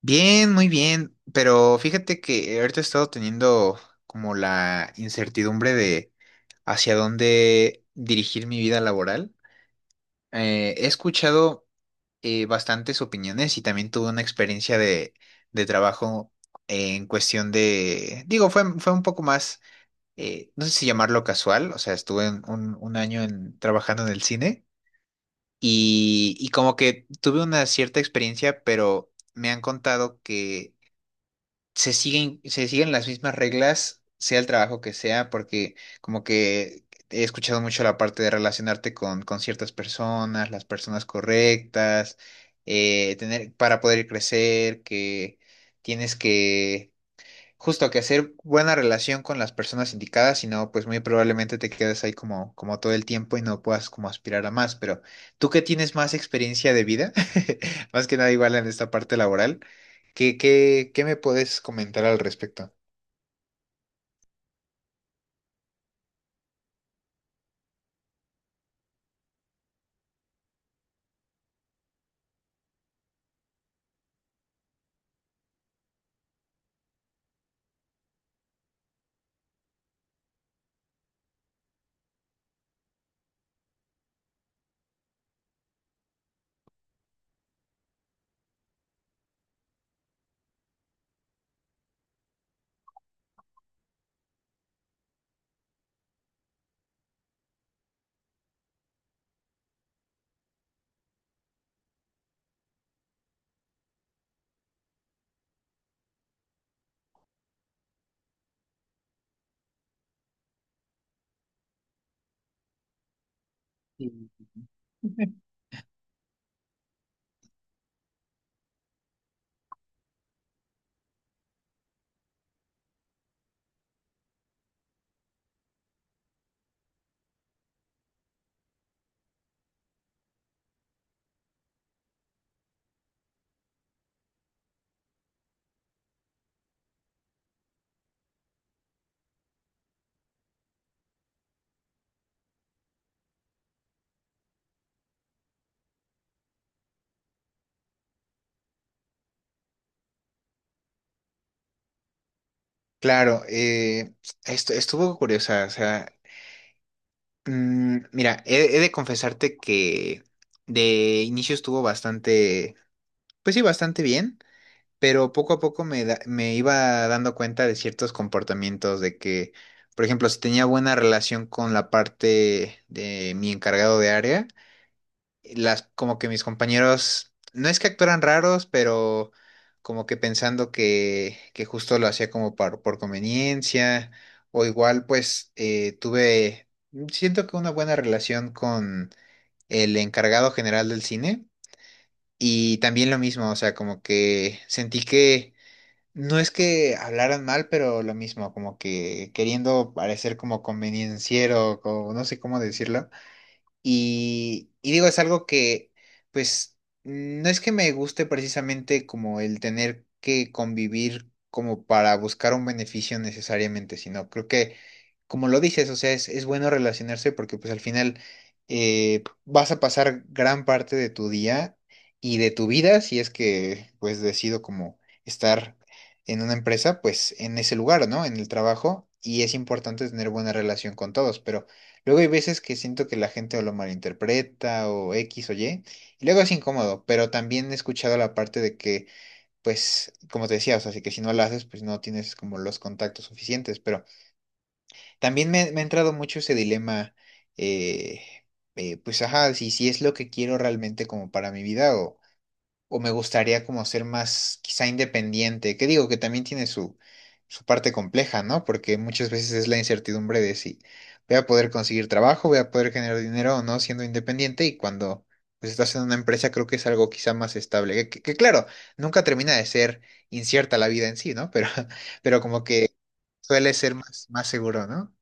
Bien, muy bien, pero fíjate que ahorita he estado teniendo como la incertidumbre de hacia dónde dirigir mi vida laboral. He escuchado bastantes opiniones, y también tuve una experiencia de trabajo en cuestión de, digo, fue un poco más, no sé si llamarlo casual, o sea, estuve en un año en, trabajando en el cine, y como que tuve una cierta experiencia, pero me han contado que se siguen las mismas reglas, sea el trabajo que sea, porque como que he escuchado mucho la parte de relacionarte con ciertas personas, las personas correctas, tener, para poder crecer, que tienes que justo que hacer buena relación con las personas indicadas, si no, pues muy probablemente te quedes ahí como todo el tiempo y no puedas como aspirar a más. Pero tú que tienes más experiencia de vida, más que nada igual en esta parte laboral, ¿qué me puedes comentar al respecto? Claro, esto estuvo curiosa, o sea, mira, he de confesarte que de inicio estuvo bastante, pues sí, bastante bien. Pero poco a poco me iba dando cuenta de ciertos comportamientos, de que, por ejemplo, si tenía buena relación con la parte de mi encargado de área, como que mis compañeros, no es que actuaran raros, pero como que pensando que justo lo hacía como por conveniencia, o igual pues siento que una buena relación con el encargado general del cine, y también lo mismo, o sea, como que sentí que no es que hablaran mal, pero lo mismo, como que queriendo parecer como convenienciero, o no sé cómo decirlo. Y digo, es algo que, pues, no es que me guste precisamente como el tener que convivir como para buscar un beneficio necesariamente, sino creo que como lo dices, o sea, es bueno relacionarse porque pues al final vas a pasar gran parte de tu día y de tu vida, si es que pues decido como estar en una empresa, pues en ese lugar, ¿no? En el trabajo, y es importante tener buena relación con todos, pero luego hay veces que siento que la gente o lo malinterpreta o X o Y y luego es incómodo, pero también he escuchado la parte de que pues como te decía, o sea, si que si no lo haces, pues no tienes como los contactos suficientes, pero también me ha entrado mucho ese dilema. eh, pues ajá, si es lo que quiero realmente como para mi vida, o me gustaría como ser más quizá independiente, que digo que también tiene su parte compleja, ¿no? Porque muchas veces es la incertidumbre de si voy a poder conseguir trabajo, voy a poder generar dinero o no siendo independiente, y cuando pues estás en una empresa creo que es algo quizá más estable, que claro, nunca termina de ser incierta la vida en sí, ¿no? Pero como que suele ser más seguro, ¿no?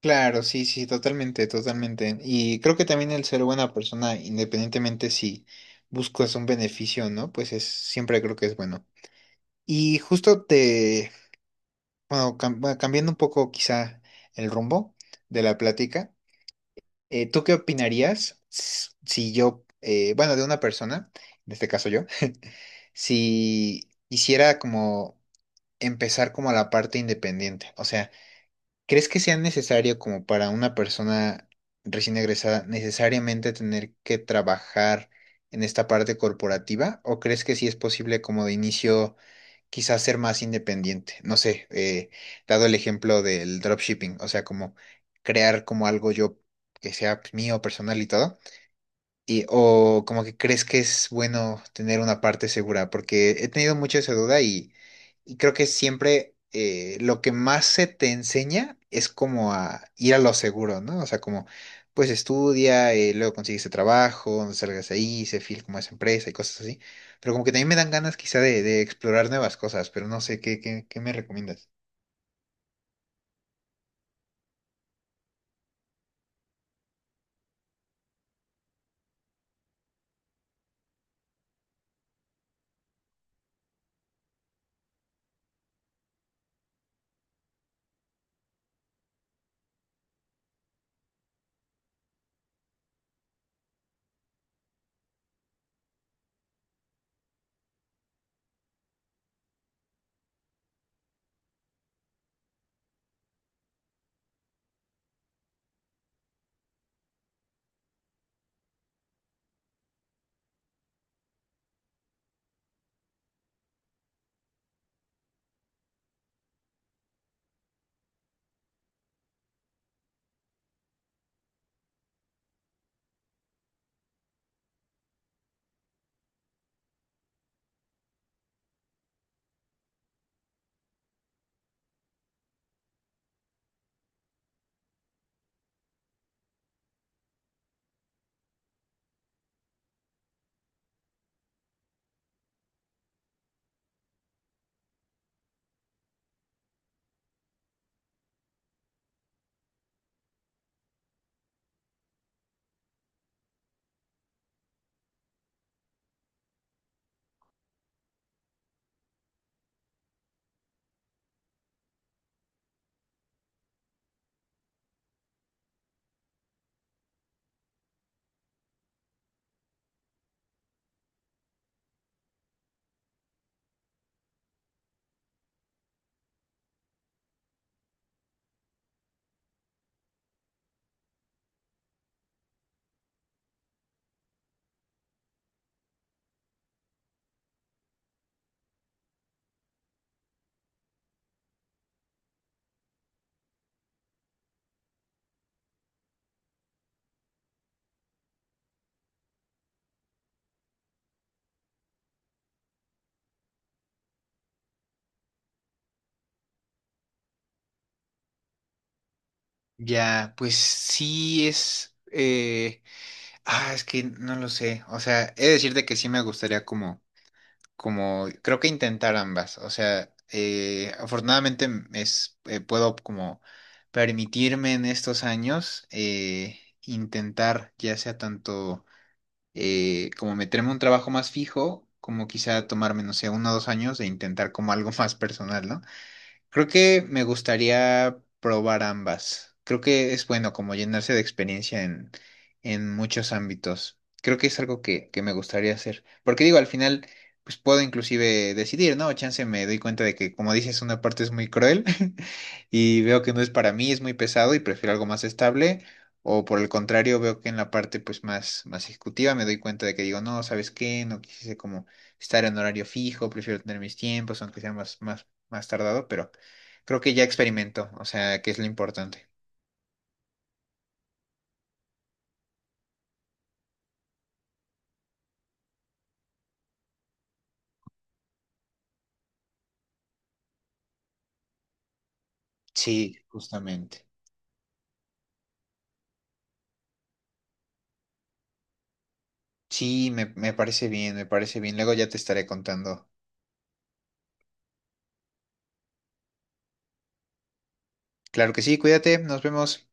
Claro, sí, sí, totalmente, totalmente. Y creo que también el ser buena persona, independientemente si buscas un beneficio o no, pues es, siempre creo que es bueno. Y justo bueno, bueno, cambiando un poco quizá el rumbo de la plática, ¿tú qué opinarías si yo, bueno, de una persona, en este caso yo, si hiciera como empezar como la parte independiente? O sea, ¿crees que sea necesario como para una persona recién egresada necesariamente tener que trabajar en esta parte corporativa? ¿O crees que sí es posible como de inicio quizás ser más independiente? No sé, dado el ejemplo del dropshipping, o sea, como crear como algo yo que sea mío, personal y todo. O como que crees que es bueno tener una parte segura, porque he tenido mucho esa duda, y creo que siempre lo que más se te enseña es como a ir a lo seguro, ¿no? O sea, como pues estudia, luego consigues ese trabajo, no salgas ahí, se fil como esa empresa y cosas así. Pero como que también me dan ganas quizá de explorar nuevas cosas, pero no sé, ¿qué me recomiendas? Ya, pues sí es, ah, es que no lo sé. O sea, he de decirte que sí me gustaría como creo que intentar ambas. O sea, afortunadamente puedo como permitirme en estos años intentar ya sea tanto como meterme a un trabajo más fijo, como quizá tomarme, no sé, 1 o 2 años de intentar como algo más personal, ¿no? Creo que me gustaría probar ambas. Creo que es bueno como llenarse de experiencia en muchos ámbitos. Creo que es algo que me gustaría hacer. Porque digo, al final, pues puedo inclusive decidir, ¿no? Chance me doy cuenta de que, como dices, una parte es muy cruel y veo que no es para mí, es muy pesado y prefiero algo más estable. O por el contrario, veo que en la parte pues más ejecutiva me doy cuenta de que digo, no, ¿sabes qué? No quise como estar en horario fijo, prefiero tener mis tiempos, aunque sea más tardado, pero creo que ya experimentó, o sea, que es lo importante. Sí, justamente. Sí, me parece bien, me parece bien. Luego ya te estaré contando. Claro que sí, cuídate, nos vemos.